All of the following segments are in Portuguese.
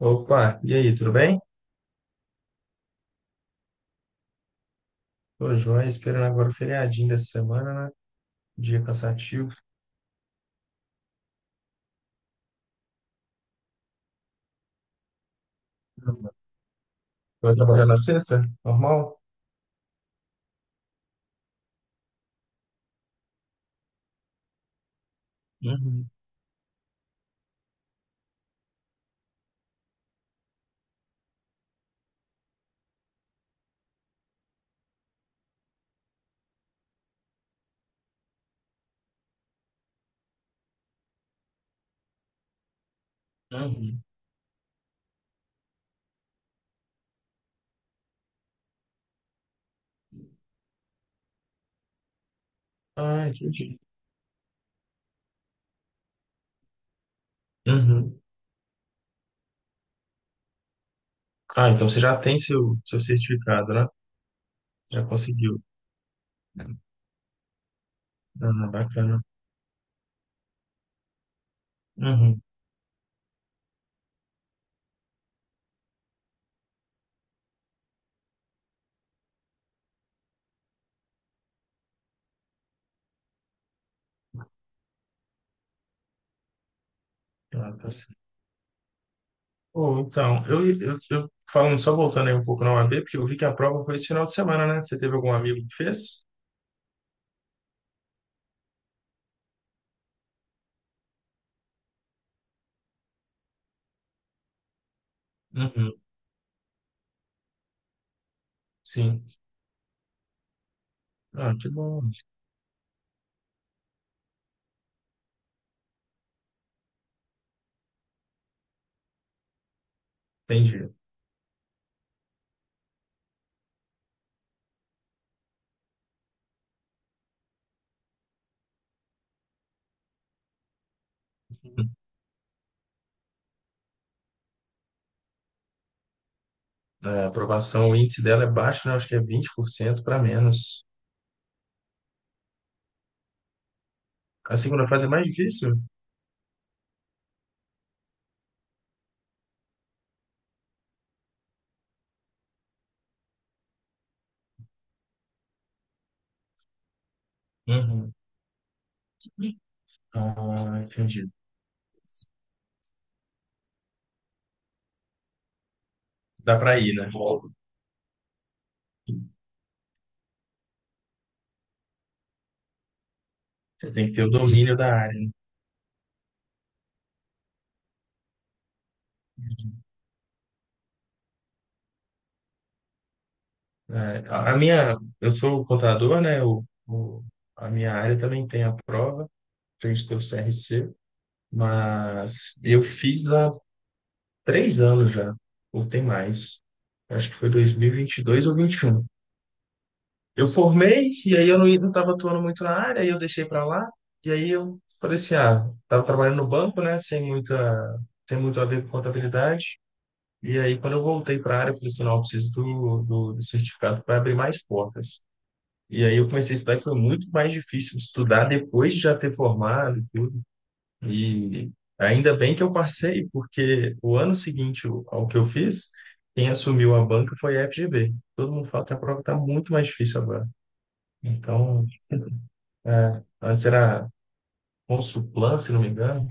Opa, e aí, tudo bem? Tô joia, esperando agora o feriadinho dessa semana, né? Dia cansativo. Vai trabalhar na sexta? Normal? Uhum, uhum. Ah, entendi. Uhum. Ah, então você já tem seu certificado, né? Já conseguiu. Ah, bacana. Uhum. Ah, tá certo. Ou então, eu falando só voltando aí um pouco na UAB, porque eu vi que a prova foi esse final de semana, né? Você teve algum amigo que fez? Uhum. Sim. Ah, que bom. Entendi. A aprovação, o índice dela é baixo, né? Acho que é 20% para menos. A segunda fase é mais difícil? Uhum. Ah, entendi. Dá para ir, né? Você tem que ter o domínio da área, né? É, a minha, eu sou contador, né? A minha área também tem a prova, tem que ter o CRC, mas eu fiz há 3 anos já, ou tem mais. Acho que foi dois mil e vinte e dois ou vinte e um. Eu formei, e aí eu não estava atuando muito na área, aí eu deixei para lá. E aí eu falei assim, ah, estava trabalhando no banco, né, sem muita, sem muito a ver com contabilidade. E aí quando eu voltei para a área, eu falei assim, não, eu preciso do certificado para abrir mais portas. E aí eu comecei a estudar e foi muito mais difícil estudar depois de já ter formado e tudo. E ainda bem que eu passei, porque o ano seguinte ao que eu fiz, quem assumiu a banca foi a FGV. Todo mundo fala que a prova está muito mais difícil agora. Então, é, antes era Consulplan, se não me engano,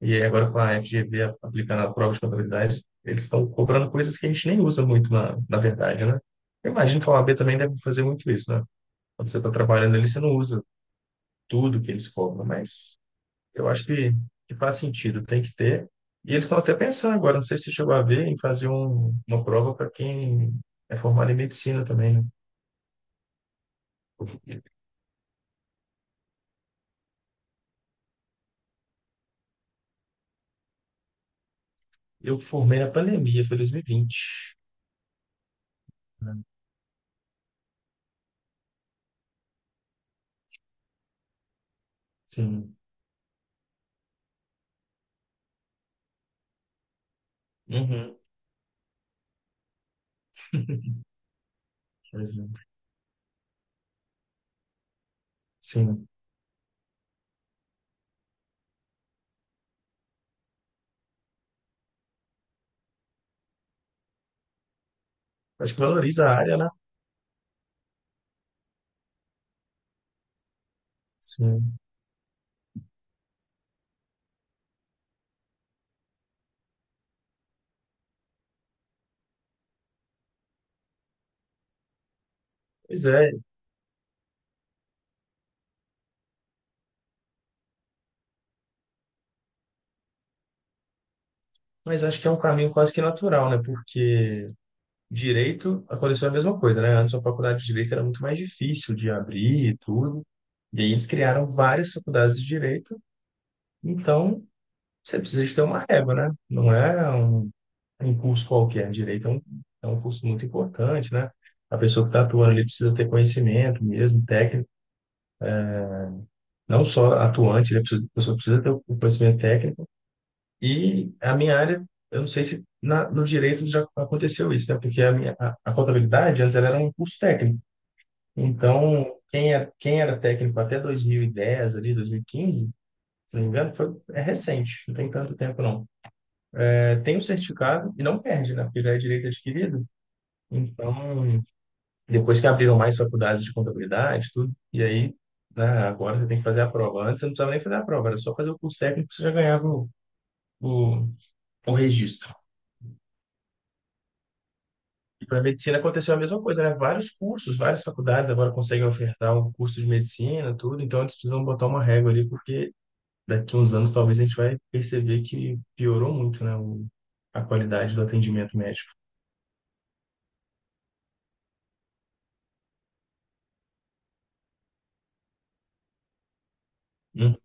e aí agora com a FGV aplicando a prova de contabilidade, eles estão cobrando coisas que a gente nem usa muito na verdade, né? Eu imagino que a OAB também deve fazer muito isso, né? Quando você está trabalhando ali, você não usa tudo que eles cobram, mas eu acho que faz sentido, tem que ter. E eles estão até pensando agora, não sei se você chegou a ver, em fazer uma prova para quem é formado em medicina também, né? Eu formei na pandemia, foi 2020, né? Sim. Uhum. Sim. Acho que valoriza a área, né? Sim. Pois é, mas acho que é um caminho quase que natural, né? Porque direito aconteceu a mesma coisa, né? Antes a faculdade de direito era muito mais difícil de abrir e tudo. E aí eles criaram várias faculdades de direito. Então, você precisa de ter uma régua, né? Não é um curso qualquer. Direito é um curso muito importante, né? A pessoa que está atuando ali precisa ter conhecimento mesmo, técnico. Não só atuante, né? A pessoa precisa ter o conhecimento técnico. E a minha área, eu não sei se no direito já aconteceu isso, né? Porque a contabilidade antes ela era um curso técnico. Então, quem era técnico até 2010, ali 2015, se não me engano, foi, é recente, não tem tanto tempo não. É, tem o certificado e não perde, né? Porque já é direito adquirido. Então, depois que abriram mais faculdades de contabilidade, tudo, e aí, né, agora você tem que fazer a prova. Antes você não precisava nem fazer a prova, era só fazer o curso técnico que você já ganhava o, o registro. E para medicina aconteceu a mesma coisa, né? Vários cursos, várias faculdades agora conseguem ofertar um curso de medicina, tudo, então eles precisam botar uma régua ali, porque daqui uns anos talvez a gente vai perceber que piorou muito, né? A qualidade do atendimento médico. Hum,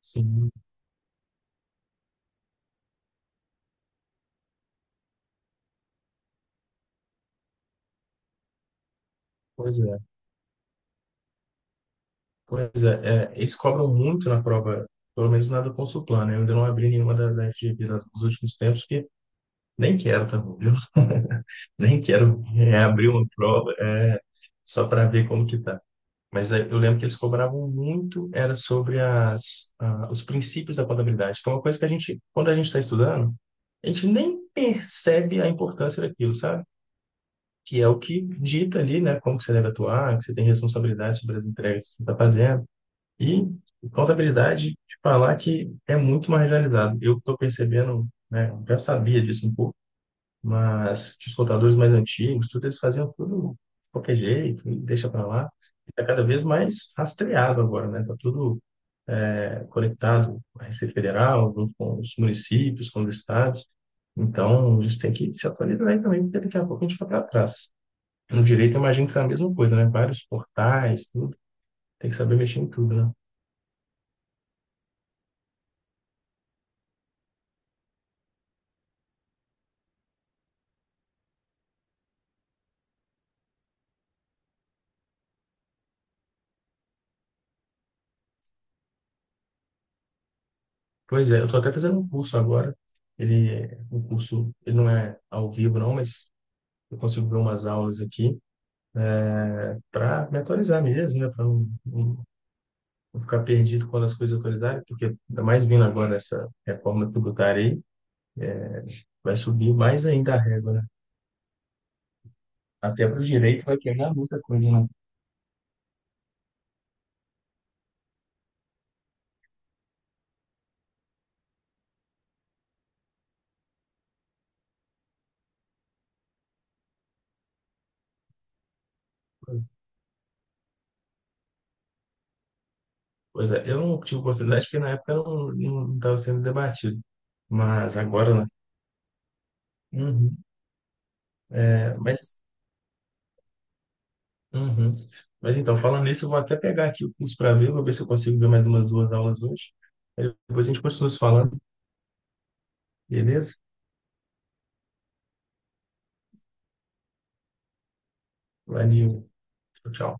Sim, pois é. Pois é, eles cobram muito na prova, pelo menos na do Consulplan, né? Eu ainda não abri nenhuma da FGV nos últimos tempos, porque nem quero, tá bom, viu? Nem quero reabrir uma prova, é, só para ver como que tá. Mas eu lembro que eles cobravam muito, era sobre os princípios da contabilidade, que é uma coisa que a gente, quando a gente está estudando, a gente nem percebe a importância daquilo, sabe? Que é o que dita ali, né? Como que você deve atuar, que você tem responsabilidade sobre as entregas que você está fazendo. E contabilidade, te falar que é muito mais realizado. Eu estou percebendo, né? Eu já sabia disso um pouco, mas que os contadores mais antigos, tudo eles faziam tudo de qualquer jeito, e deixa para lá. Está cada vez mais rastreado agora, né? Está tudo é, conectado à Receita Federal, junto com os municípios, com os estados. Então, a gente tem que se atualizar aí também, porque daqui a pouco a gente está para trás. No direito, eu imagino que é a mesma coisa, né? Vários portais, tudo. Tem que saber mexer em tudo, né? Pois é, eu estou até fazendo um curso agora. Ele, o curso, ele não é ao vivo, não, mas eu consigo ver umas aulas aqui para me atualizar mesmo, né? Para não ficar perdido quando as coisas atualizarem, porque ainda mais vindo agora essa reforma tributária aí, vai subir mais ainda a régua, né? Até para o direito vai quebrar muita coisa, né? Pois é, eu não tive oportunidade porque na época não estava sendo debatido, mas agora, né? Uhum. É, mas, uhum. Mas então, falando nisso, eu vou até pegar aqui o curso para ver, vou ver se eu consigo ver mais umas duas aulas hoje. Aí depois a gente continua se falando, beleza? Valeu, tchau, tchau.